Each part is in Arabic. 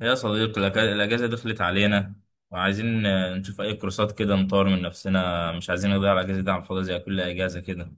يا صديقي، الأجازة دخلت علينا، وعايزين نشوف أي كورسات كده نطور من نفسنا. مش عايزين نضيع الأجازة دي على الفاضي زي كل أجازة كده.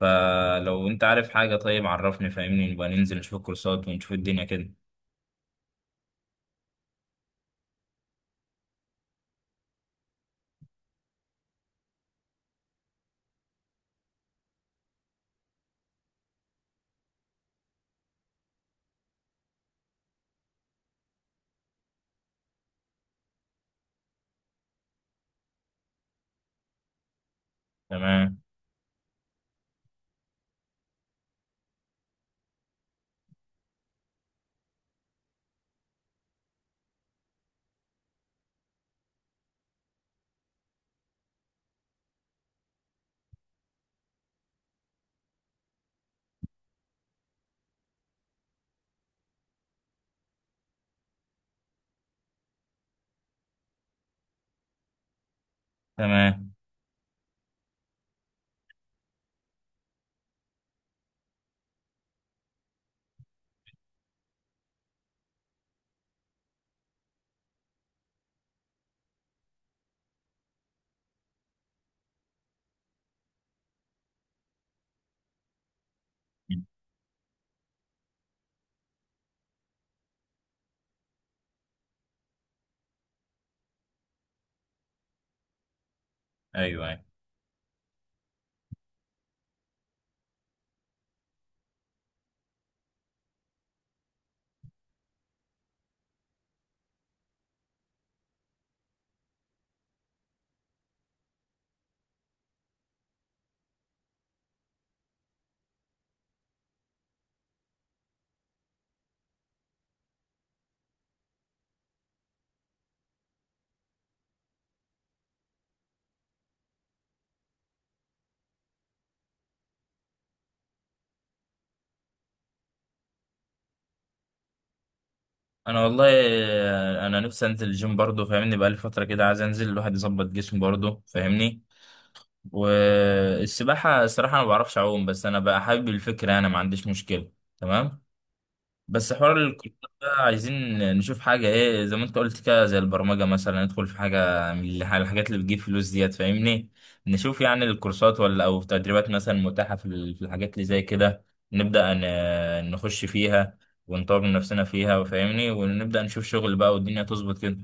فلو أنت عارف حاجة طيب عرفني فاهمني، نبقى ننزل نشوف الكورسات ونشوف الدنيا كده. تمام. تمام. أيوه أيوه. أنا والله أنا نفسي أنزل الجيم برضه فاهمني، بقالي فترة كده عايز أنزل، الواحد يظبط جسمه برضه فاهمني. والسباحة الصراحة أنا ما بعرفش أعوم، بس أنا بقى حابب الفكرة، أنا ما عنديش مشكلة. تمام. بس حوار الكورسات ده، عايزين نشوف حاجة ايه زي ما انت قلت كده، زي البرمجة مثلا، ندخل في حاجة من الحاجات اللي بتجيب فلوس ديت فاهمني. نشوف يعني الكورسات ولا او تدريبات مثلا متاحة في في الحاجات اللي زي كده، نبدأ نخش فيها ونطور من نفسنا فيها وفاهمني، ونبدأ نشوف شغل بقى والدنيا تظبط كده.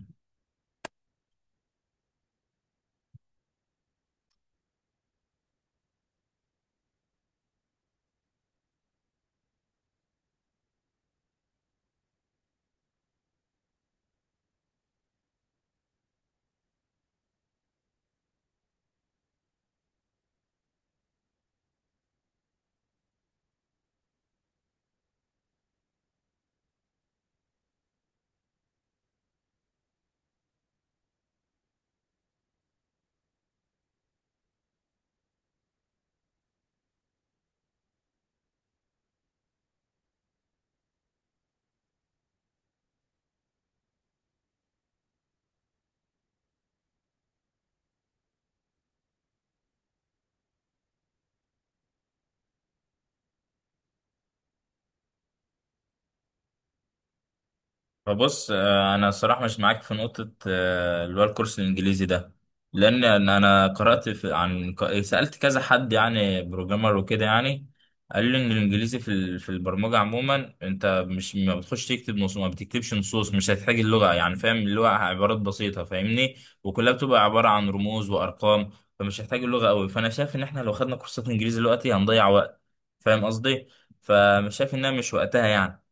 فبص انا صراحة مش معاك في نقطة، اللي هو الكورس الانجليزي ده. لان أنا قرأت في، عن سألت كذا حد يعني بروجرامر وكده يعني، قال لي ان الانجليزي في في البرمجة عموما، انت مش، ما بتخش تكتب نصوص، ما بتكتبش نصوص، مش هتحتاج اللغة يعني، فاهم اللغة عبارات بسيطة فاهمني، وكلها بتبقى عبارة عن رموز وارقام. فمش هتحتاج اللغة قوي، فانا شايف ان احنا لو خدنا كورسات انجليزي دلوقتي هنضيع وقت فاهم قصدي، فمش شايف انها، مش وقتها يعني.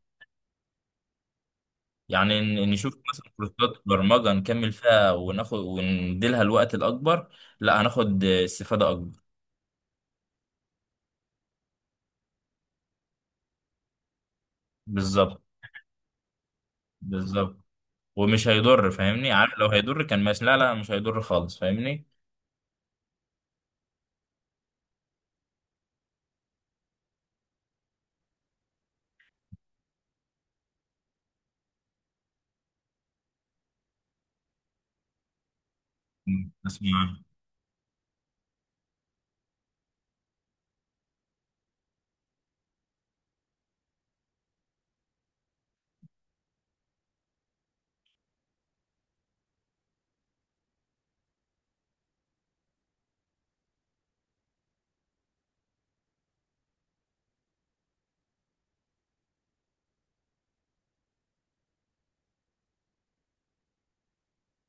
يعني نشوف مثلا كورسات برمجة نكمل فيها وناخد، ونديلها الوقت الأكبر. لا هناخد استفادة أكبر. بالظبط. بالظبط. ومش هيضر فاهمني، عارف لو هيضر كان ماشي، لا لا مش هيضر خالص فاهمني. مم. اسمع.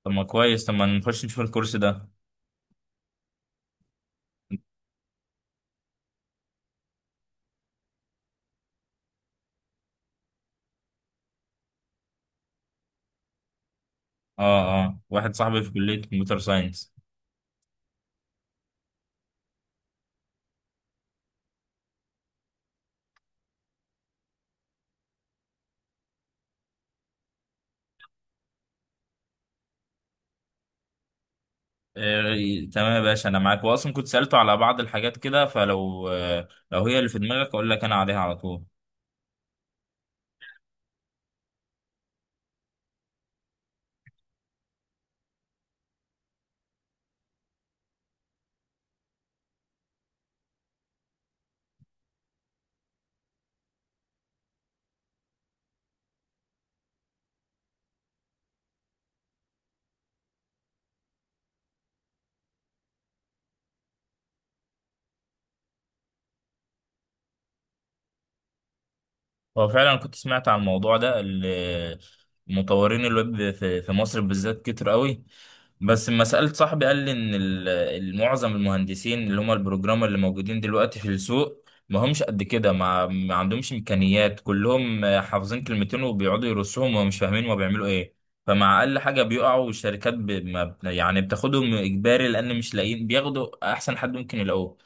طب ما كويس، طب ما نخش نشوف الكورس ده. اه اه، واحد صاحبي في كلية كمبيوتر ساينس. إيه، تمام يا باشا، انا معاك، واصلا كنت سألته على بعض الحاجات كده، فلو لو هي اللي في دماغك اقول لك انا عليها على طول. هو فعلا كنت سمعت عن الموضوع ده. مطورين الويب في مصر بالذات كتير قوي. بس لما سألت صاحبي قال لي ان معظم المهندسين اللي هم البروجرامر اللي موجودين دلوقتي في السوق ما همش قد كده، ما عندهمش امكانيات، كلهم حافظين كلمتين وبيقعدوا يرصهم ومش فاهمين هما بيعملوا ايه. فمع اقل حاجه بيقعوا، والشركات ب... ما... ب- يعني بتاخدهم اجباري لان مش لاقيين، بياخدوا احسن حد ممكن يلاقوه.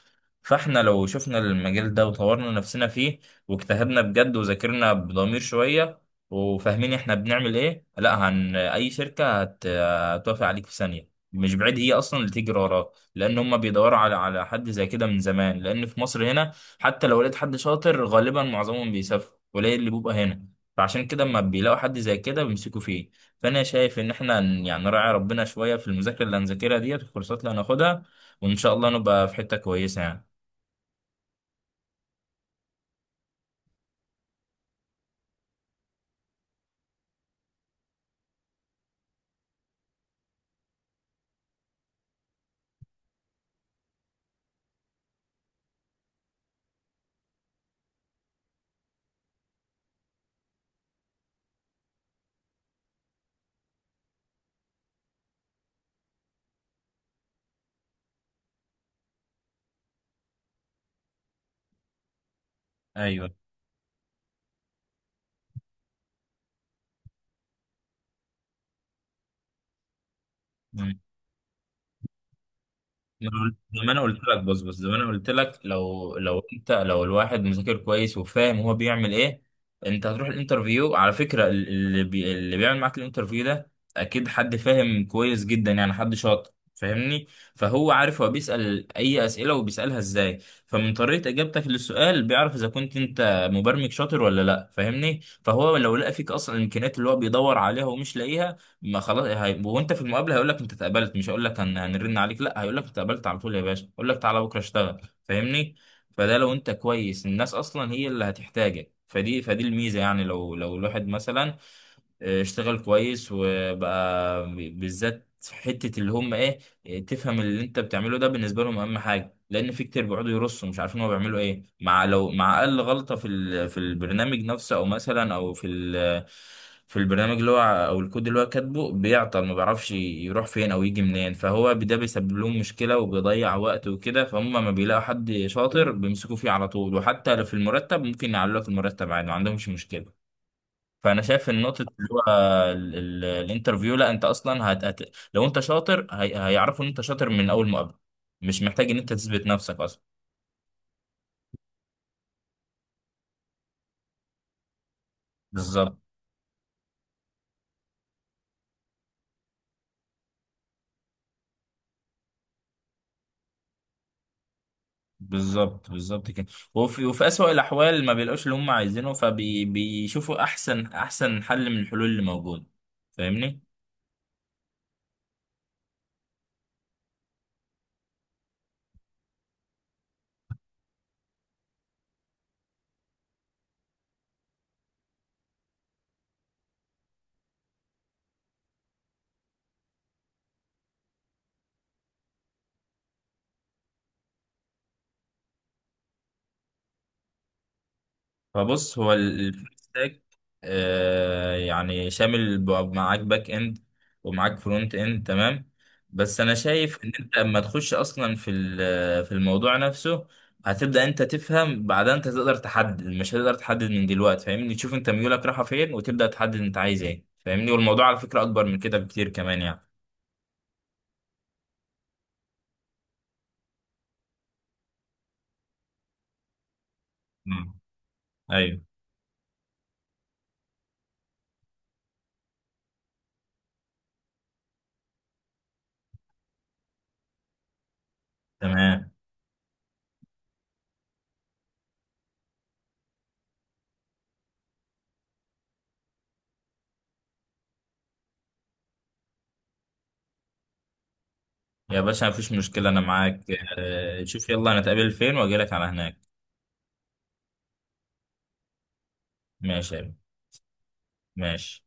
فاحنا لو شفنا المجال ده وطورنا نفسنا فيه، واجتهدنا بجد وذاكرنا بضمير شوية، وفاهمين احنا بنعمل ايه، لا هن، اي شركة هتوافق عليك في ثانية، مش بعيد هي اصلا اللي تيجي وراك، لان هم بيدوروا على حد زي كده من زمان، لان في مصر هنا حتى لو لقيت حد شاطر غالبا معظمهم بيسافروا، قليل اللي بيبقى هنا، فعشان كده اما بيلاقوا حد زي كده بيمسكوا فيه. فانا شايف ان احنا يعني نراعي ربنا شوية في المذاكرة اللي هنذاكرها ديت، الكورسات اللي هناخدها، وان شاء الله نبقى في حتة كويسة يعني. ايوه. ما أنا- قلت- زي ما انا قلت لك، بص بص، زي ما انا قلت لك، لو انت، لو الواحد مذاكر كويس وفاهم هو بيعمل ايه، انت هتروح الانترفيو على فكره، اللي اللي بيعمل معاك الانترفيو ده اكيد حد فاهم كويس جدا، يعني حد شاطر فاهمني، فهو عارف هو بيسال اي اسئله وبيسالها ازاي، فمن طريقه اجابتك للسؤال بيعرف اذا كنت انت مبرمج شاطر ولا لا فاهمني. فهو لو لقى فيك اصلا الامكانيات اللي هو بيدور عليها ومش لاقيها، ما خلاص هي... وانت في المقابله هيقول لك انت اتقبلت، مش هيقول لك هنرن عليك، لا هيقول لك اتقبلت على طول يا باشا، يقول لك تعالى بكره اشتغل فاهمني. فده لو انت كويس، الناس اصلا هي اللي هتحتاجك، فدي الميزه، يعني لو الواحد مثلا اشتغل كويس وبقى، بالذات في حتة اللي هم ايه، تفهم اللي انت بتعمله ده بالنسبة لهم اهم حاجة. لان في كتير بيقعدوا يرصوا مش عارفين هو بيعملوا ايه، مع لو مع اقل غلطة في في البرنامج نفسه، او مثلا او في ال، في البرنامج اللي هو، او الكود اللي هو كاتبه بيعطل، ما بيعرفش يروح فين او يجي منين، فهو ده بيسبب لهم مشكلة وبيضيع وقت وكده، فهم ما بيلاقوا حد شاطر بيمسكوا فيه على طول، وحتى لو في المرتب ممكن يعلوا لك المرتب عادي ما عندهمش مشكلة. فانا شايف ان نقطه اللي هو الانترفيو، لا انت اصلا لو انت شاطر هيعرفوا ان انت شاطر من اول مقابله، مش محتاج ان انت تثبت نفسك اصلا. بالظبط. بالظبط بالظبط كده. وفي اسوأ الاحوال ما بيلاقوش اللي هم عايزينه، فبيشوفوا احسن احسن حل من الحلول اللي موجوده فاهمني. فبص، هو الفول ستاك آه يعني شامل معاك باك اند ومعاك فرونت اند تمام. بس انا شايف ان انت لما تخش اصلا في في الموضوع نفسه هتبدأ انت تفهم، بعدها انت تقدر تحدد، مش هتقدر تحدد من دلوقتي فاهمني. تشوف انت ميولك رايحة فين وتبدأ تحدد انت عايز ايه فاهمني، والموضوع على فكرة اكبر من كده بكتير كمان يعني. مم. ايوه. تمام يا باشا، مفيش مشكلة، انا معاك. آه شوف يلا، انا اتقابل فين واجيلك على هناك. ماشي يا بيه. ماشي.